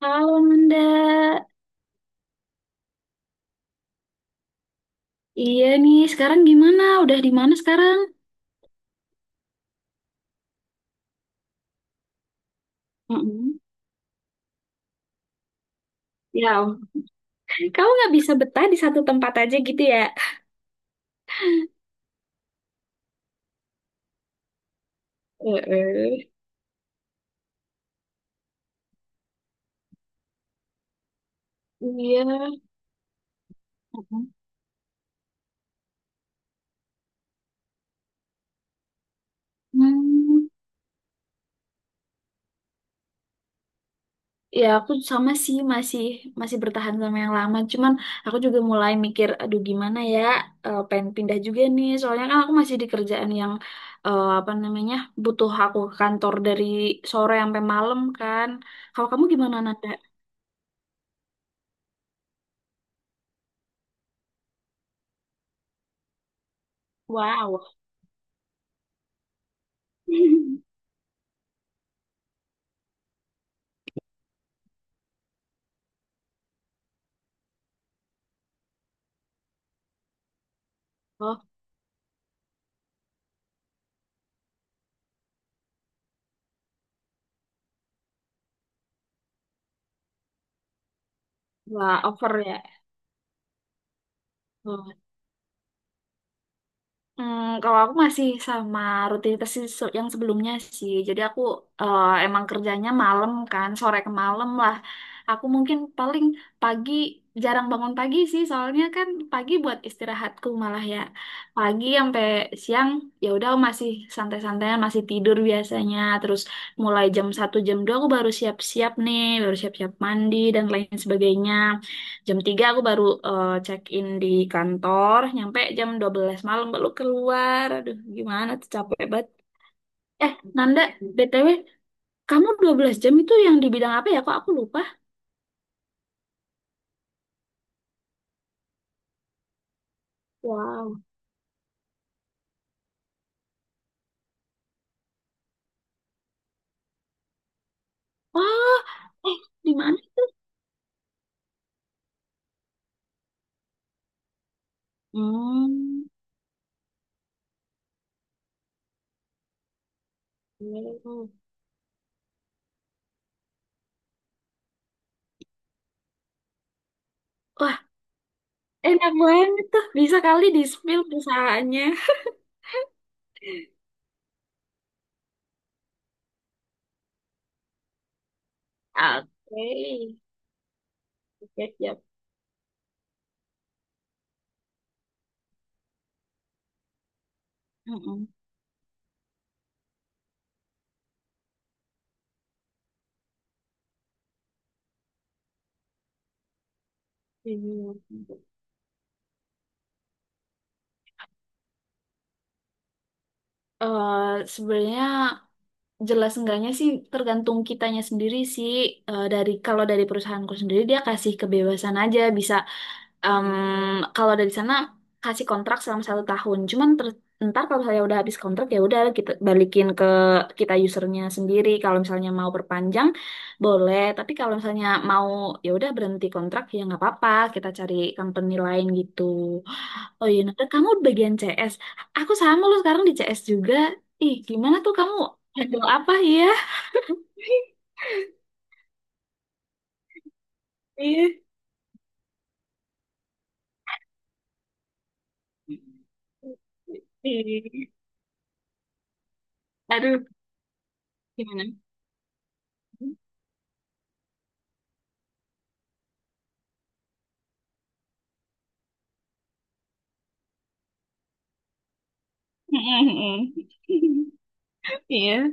Halo Nanda, iya nih sekarang gimana? Udah di mana sekarang? Mm-mm. Ya, kamu nggak bisa betah di satu tempat aja gitu ya? Eh, Iya. eh. Hmm. Ya aku sama sih masih masih bertahan sama yang lama. Cuman aku juga mulai mikir, aduh gimana ya, pengen pindah juga nih. Soalnya kan aku masih di kerjaan yang apa namanya butuh aku ke kantor dari sore sampai malam kan. Kalau kamu gimana, Nanda? Wow. Oh. Wah, over ya. Hmm. Hmm, kalau aku masih sama rutinitas yang sebelumnya sih. Jadi aku emang kerjanya malam kan, sore ke malam lah. Aku mungkin paling pagi jarang bangun pagi sih, soalnya kan pagi buat istirahatku malah ya. Pagi sampai siang ya udah masih santai-santai, masih tidur biasanya. Terus mulai jam 1 jam 2 aku baru siap-siap nih, baru siap-siap mandi dan lain sebagainya. Jam 3 aku baru check in di kantor, nyampe jam 12 malam baru keluar. Aduh, gimana tuh capek banget. Nanda, BTW, kamu 12 jam itu yang di bidang apa ya? Kok aku lupa? Wow. Oh, eh, di mana? Hmm. Wow. Wah, enak banget tuh. Bisa kali di-spill perusahaannya. Oke. Siap, siap. Mm-mm. Iya. Sebenarnya jelas enggaknya sih tergantung kitanya sendiri sih. Eh, dari kalau dari perusahaanku sendiri dia kasih kebebasan aja bisa. Em, kalau dari sana kasih kontrak selama 1 tahun. Cuman ntar kalau misalnya udah habis kontrak ya udah kita balikin ke kita usernya sendiri. Kalau misalnya mau perpanjang boleh, tapi kalau misalnya mau ya udah berhenti kontrak ya nggak apa-apa. Kita cari company lain gitu. Oh iya, Nat, kamu bagian CS. Aku sama lo sekarang di CS juga. Ih, gimana tuh kamu handle apa ya? Iya. Ih, aduh, gimana? Iya.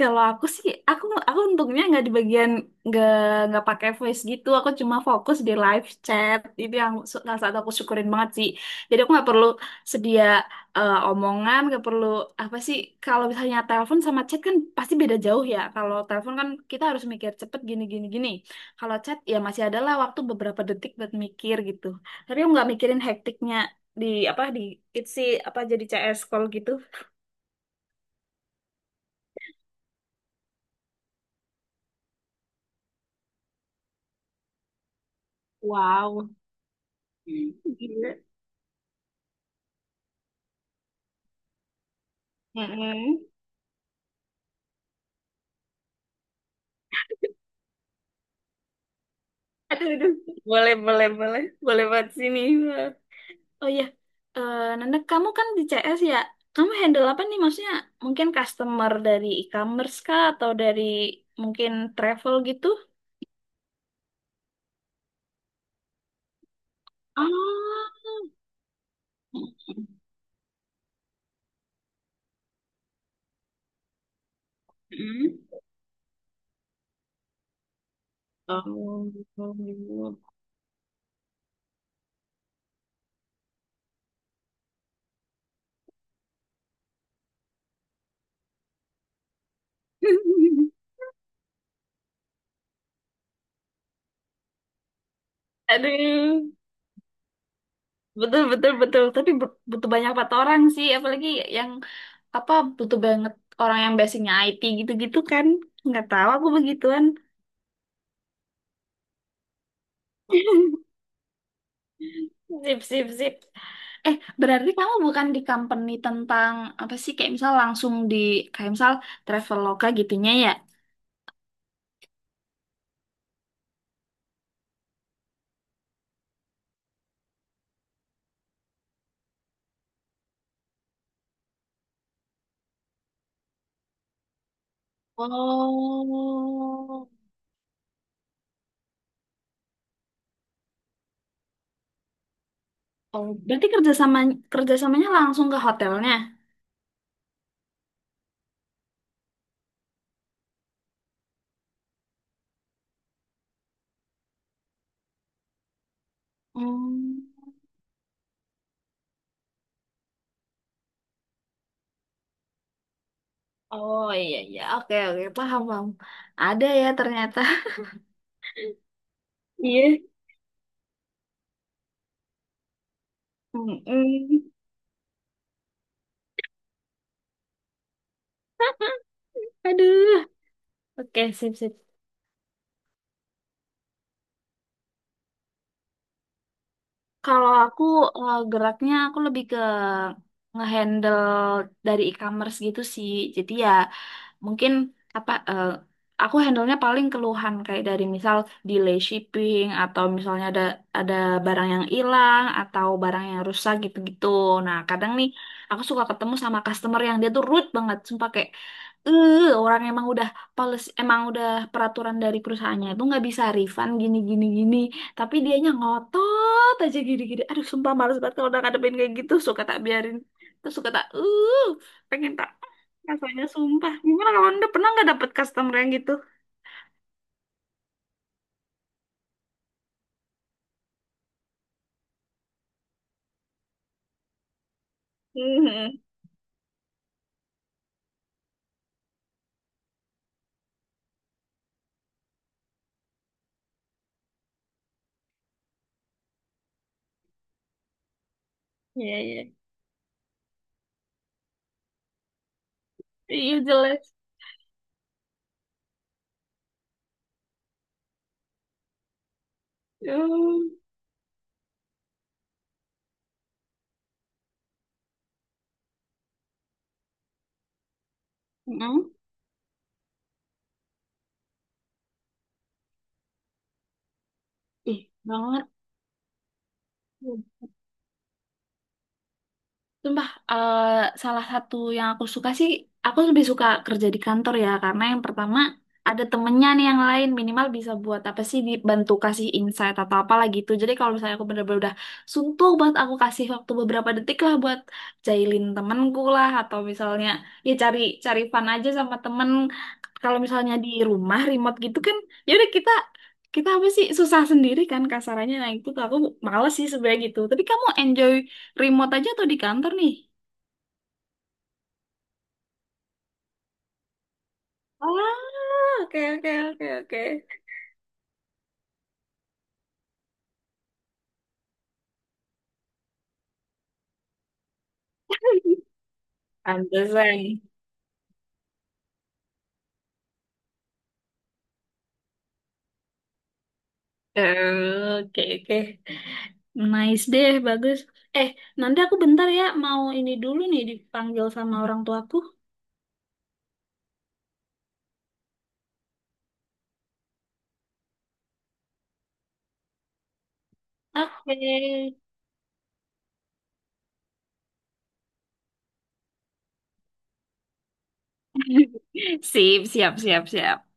Kalau aku sih, aku untungnya nggak di bagian, nggak nggak pakai voice gitu. Aku cuma fokus di live chat. Itu yang salah satu aku syukurin banget sih. Jadi aku nggak perlu sedia omongan, nggak perlu apa sih. Kalau misalnya telepon sama chat kan pasti beda jauh ya. Kalau telepon kan kita harus mikir cepet gini gini gini. Kalau chat ya masih adalah waktu beberapa detik buat mikir gitu. Tapi aku nggak mikirin hektiknya di apa di itsi apa jadi CS call gitu. Wow. Gila. Mm-mm. Aduh, aduh. Boleh, boleh, boleh. Boleh buat sini. Oh ya, Nanda, kamu kan di CS ya. Kamu handle apa nih? Maksudnya mungkin customer dari e-commerce kah atau dari mungkin travel gitu? Oh. Mm. Oh. Aduh. Betul, betul, betul. Tapi butuh banyak empat orang sih, apalagi yang apa butuh banget orang yang basicnya IT gitu-gitu kan nggak tahu aku begituan. Sip, sip, sip. Eh, berarti kamu bukan di company tentang apa sih? Kayak misal langsung di kayak misal Traveloka gitunya ya? Oh, oh, berarti kerjasamanya langsung ke hotelnya? Hmm. Oh iya iya, oke oke paham paham. Ada ya ternyata. Iya. Mm-mm. Aduh, oke sip sip. Kalau aku geraknya aku lebih ke ngehandle dari e-commerce gitu sih. Jadi ya mungkin apa aku handle-nya paling keluhan kayak dari misal delay shipping atau misalnya ada barang yang hilang atau barang yang rusak gitu-gitu. Nah, kadang nih aku suka ketemu sama customer yang dia tuh rude banget, sumpah kayak eh orang emang udah policy, emang udah peraturan dari perusahaannya itu nggak bisa refund gini gini gini, tapi dianya ngotot aja gini gini. Aduh, sumpah males banget kalau udah ngadepin kayak gitu. Suka tak biarin, terus suka tak pengen tak rasanya sumpah. Gimana, kalau anda pernah nggak dapet customer yang gitu? Hmm, iya iya iya jelas. Hmm. Mm, ih banget. Sumpah, salah satu yang aku suka sih, aku lebih suka kerja di kantor ya, karena yang pertama ada temennya nih yang lain, minimal bisa buat apa sih, dibantu kasih insight atau apalah gitu. Jadi kalau misalnya aku bener-bener udah suntuk banget, aku kasih waktu beberapa detik lah buat jailin temenku lah, atau misalnya ya cari cari fun aja sama temen. Kalau misalnya di rumah remote gitu kan, ya udah kita kita apa sih susah sendiri kan kasarannya. Nah, itu tuh aku males sih sebenarnya gitu. Tapi kamu enjoy remote aja atau di kantor nih? Ah, oke oke oke oke. Pantesan. Oke oke. Nice deh, bagus. Eh, nanti aku bentar ya mau ini dulu nih dipanggil sama orang tuaku. Oke. Sip, siap, siap, siap.